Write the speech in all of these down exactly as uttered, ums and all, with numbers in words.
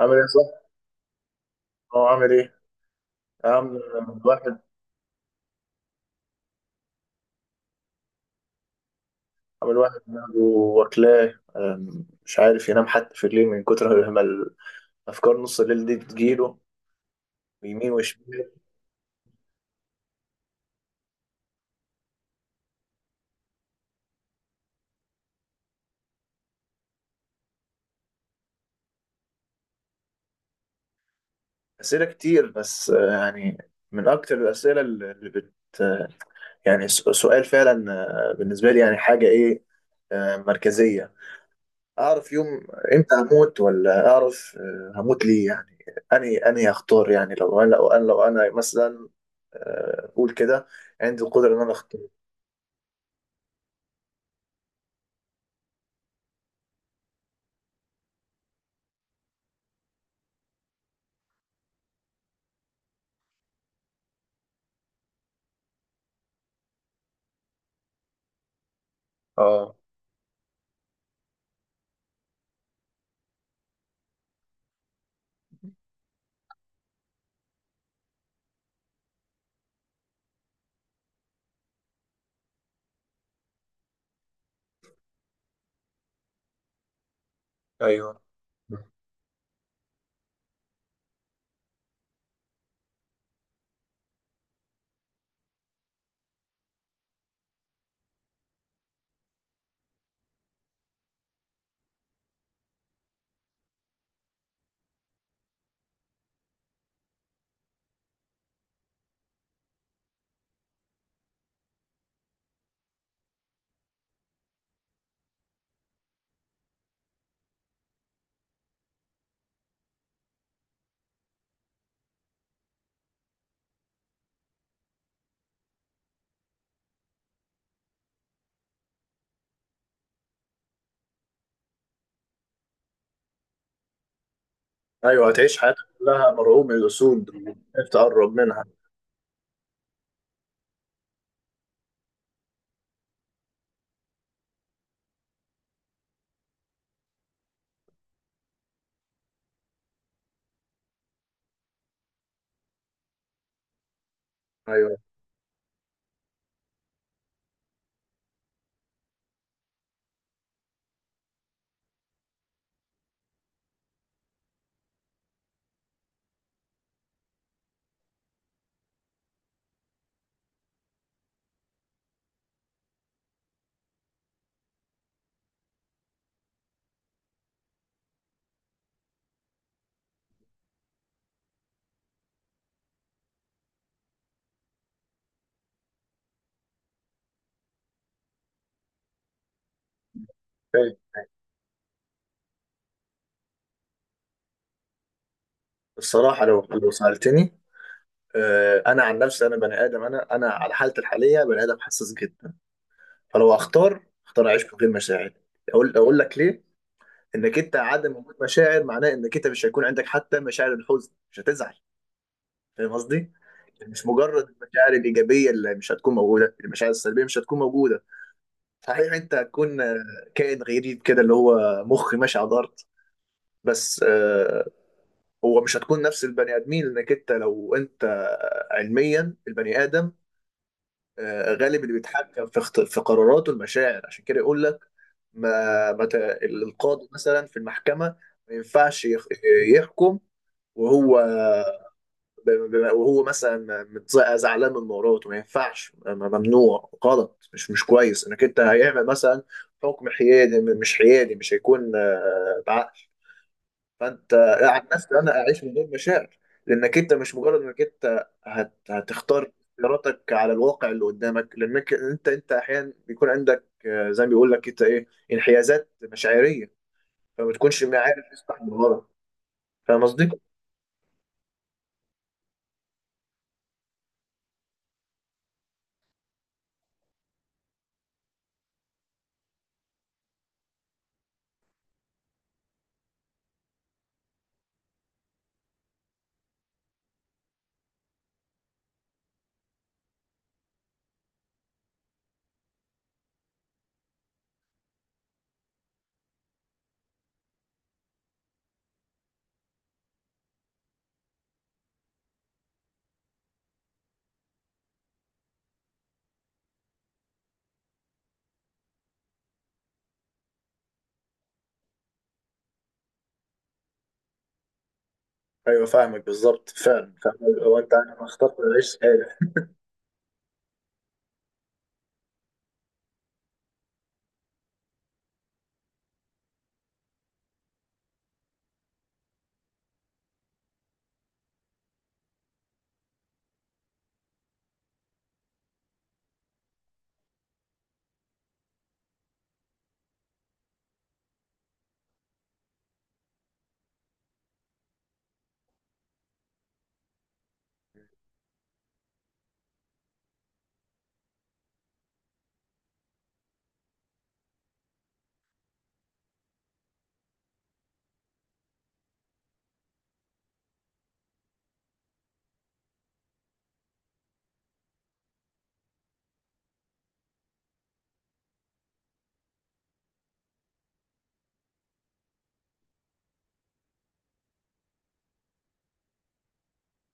عامل ايه صح؟ اه عامل ايه؟ يا عم، الواحد عامل الواحد دماغه واكلاه، أم، مش عارف ينام حتى في الليل من كتر ما الافكار نص الليل دي بتجيله يمين وشمال. اسئله كتير، بس آه، يعني من اكتر الاسئله اللي بت... يعني س- سؤال فعلا. آه، بالنسبه لي يعني حاجه ايه، آه، مركزيه. اعرف يوم امتى هموت، ولا اعرف آه، هموت ليه، يعني اني اني اختار، يعني لو انا لو انا لو انا مثلا آه، اقول كده، عندي القدره ان انا اختار. اه، ايوه، ايوه، هتعيش حياتك كلها مرعوب من الاسود، ومش تقرب منها. ايوه، أوكي. الصراحه، لو لو سالتني، آه، انا عن نفسي انا بني ادم، انا انا على حالتي الحاليه بني ادم حساس جدا، فلو اختار اختار اعيش من غير مشاعر، اقول اقول لك ليه. انك انت عدم وجود مشاعر معناه انك انت مش هيكون عندك حتى مشاعر الحزن، مش هتزعل. فاهم قصدي؟ مش مجرد المشاعر الايجابيه اللي مش هتكون موجوده، المشاعر السلبيه مش هتكون موجوده. صحيح انت هتكون آه، كائن غريب كده اللي هو مخ ماشي على الارض، بس آه، هو مش هتكون نفس البني ادمين، لانك انت لو انت علميا البني ادم آه، غالب اللي بيتحكم في اخت- في قراراته المشاعر، عشان كده يقول لك ما ما ت- القاضي مثلا في المحكمه ما ينفعش يخ- يحكم وهو ب- ب- وهو مثلا متز- زعلان من مراته، ما ينفعش، م- ممنوع، غلط، مش مش كويس انك انت هيعمل مثلا حكم حيادي، م- مش حيادي، مش هيكون آه، بعقل. فانت عن نفسي انا اعيش من غير مشاعر، لانك انت مش مجرد انك انت هت... هتختار اختياراتك على الواقع اللي قدامك، لانك انت انت احيانا بيكون عندك آه، زي ما بيقول لك انت ايه، انحيازات مشاعريه، فما تكونش عارف تصلح من غلط. فاهم قصدي؟ ايوه، فاهمك بالظبط فعلا فاهم. هو انت انا اخترت اعيش سعيد.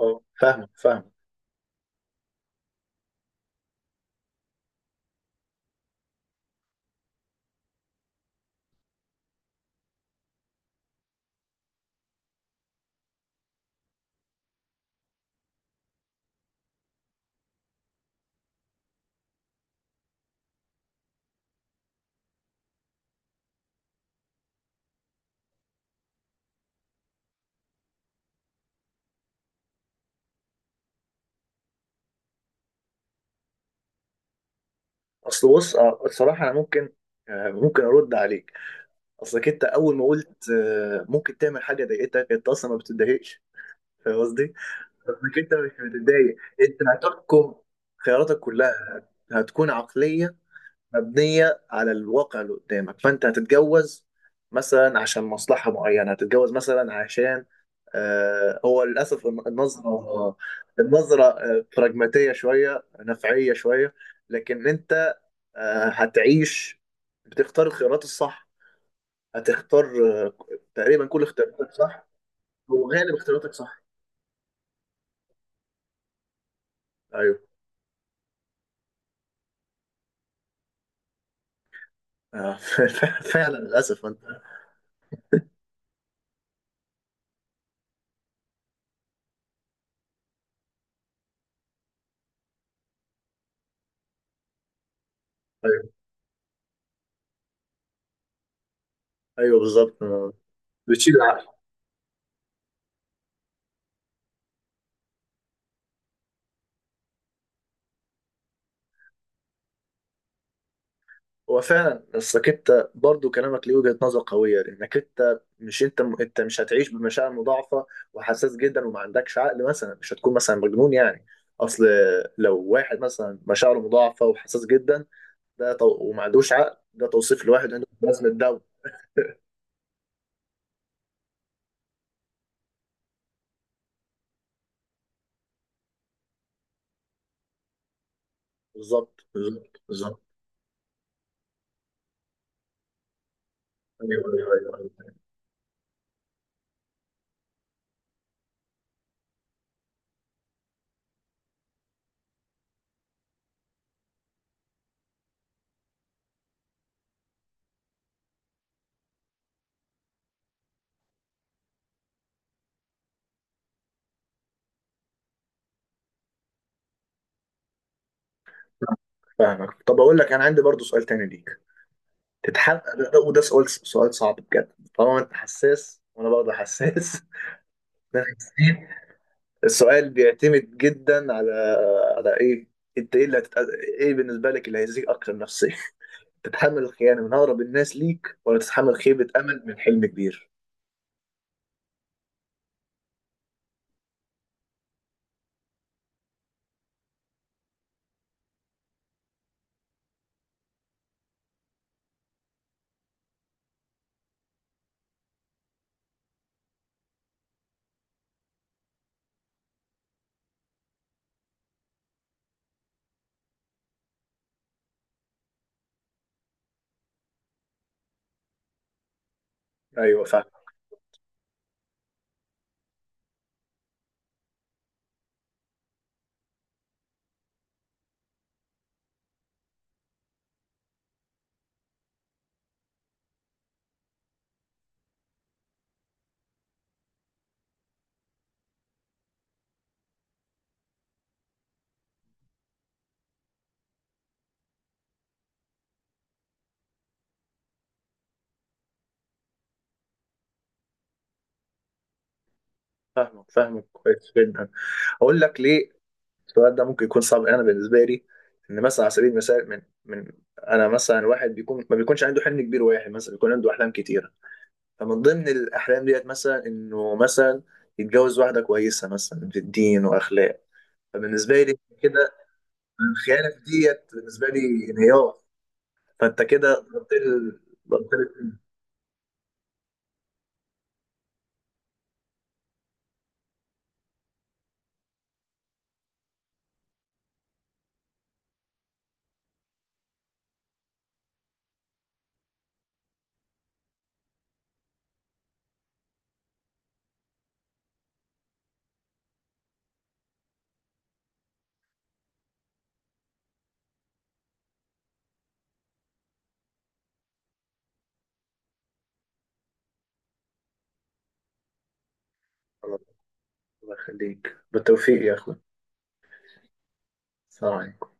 اه، فاهمك، فاهمك. اصل بص آه، الصراحه انا ممكن آه، ممكن ارد عليك. اصلك انت اول ما قلت آه، ممكن تعمل حاجه ضايقتك، انت اصلا ما بتتضايقش. فاهم قصدي؟ انك انت مش هتتضايق، انت هتحكم. خياراتك كلها هتكون عقلية مبنية على الواقع اللي قدامك. فانت هتتجوز مثلا عشان مصلحة معينة، هتتجوز مثلا عشان آه، هو للأسف النظرة، النظرة آه، براجماتية شوية نفعية شوية. لكن انت آه هتعيش، بتختار الخيارات الصح، هتختار آه، تقريبا كل اختياراتك صح، وغالب اختياراتك صح. ايوه آه، فعلا للأسف. ايوه، ايوه، بالظبط آه. بتشيل العقل. هو فعلا، اصلك انت برضو كلامك ليه وجهة نظر قوية، لانك انت مش انت م... انت مش هتعيش بمشاعر مضاعفة وحساس جدا وما عندكش عقل، مثلا مش هتكون مثلا مجنون يعني. اصل، لو واحد مثلا مشاعره مضاعفة وحساس جدا، ده تو... وما عندوش عقل، ده توصيف لواحد عنده لازمة دواء. بالظبط، بالظبط، بالظبط. ايوه، ايوه، ايوه، أيوة. فاهمك. طب اقول لك، انا عندي برضو سؤال تاني ليك. تتحمل، وده سؤال سؤال صعب بجد، طالما انت حساس وانا برضه حساس. إحنا حاسين. السؤال بيعتمد جدا على على ايه، انت ايه اللي هتت... ايه بالنسبه لك اللي هيزيك اكتر نفسيا. تتحمل الخيانه من اقرب الناس ليك، ولا تتحمل خيبه امل من حلم كبير؟ ايوه، فاهم. فاهمك، فاهمك كويس جدا. اقول لك ليه السؤال ده ممكن يكون صعب. انا بالنسبه لي، ان مثلا على سبيل المثال، من من انا مثلا واحد بيكون، ما بيكونش عنده حلم كبير، واحد مثلا بيكون عنده احلام كتير، فمن ضمن الأحلام ديت مثلا، إنه مثلا يتجوز واحدة كويسة مثلا في الدين وأخلاق. فبالنسبة لي كده، الخيانة في ديت بالنسبة لي انهيار. فأنت كده ضبطت ال- ضبطت ال- الله يخليك بالتوفيق يا أخوي. سلام عليكم.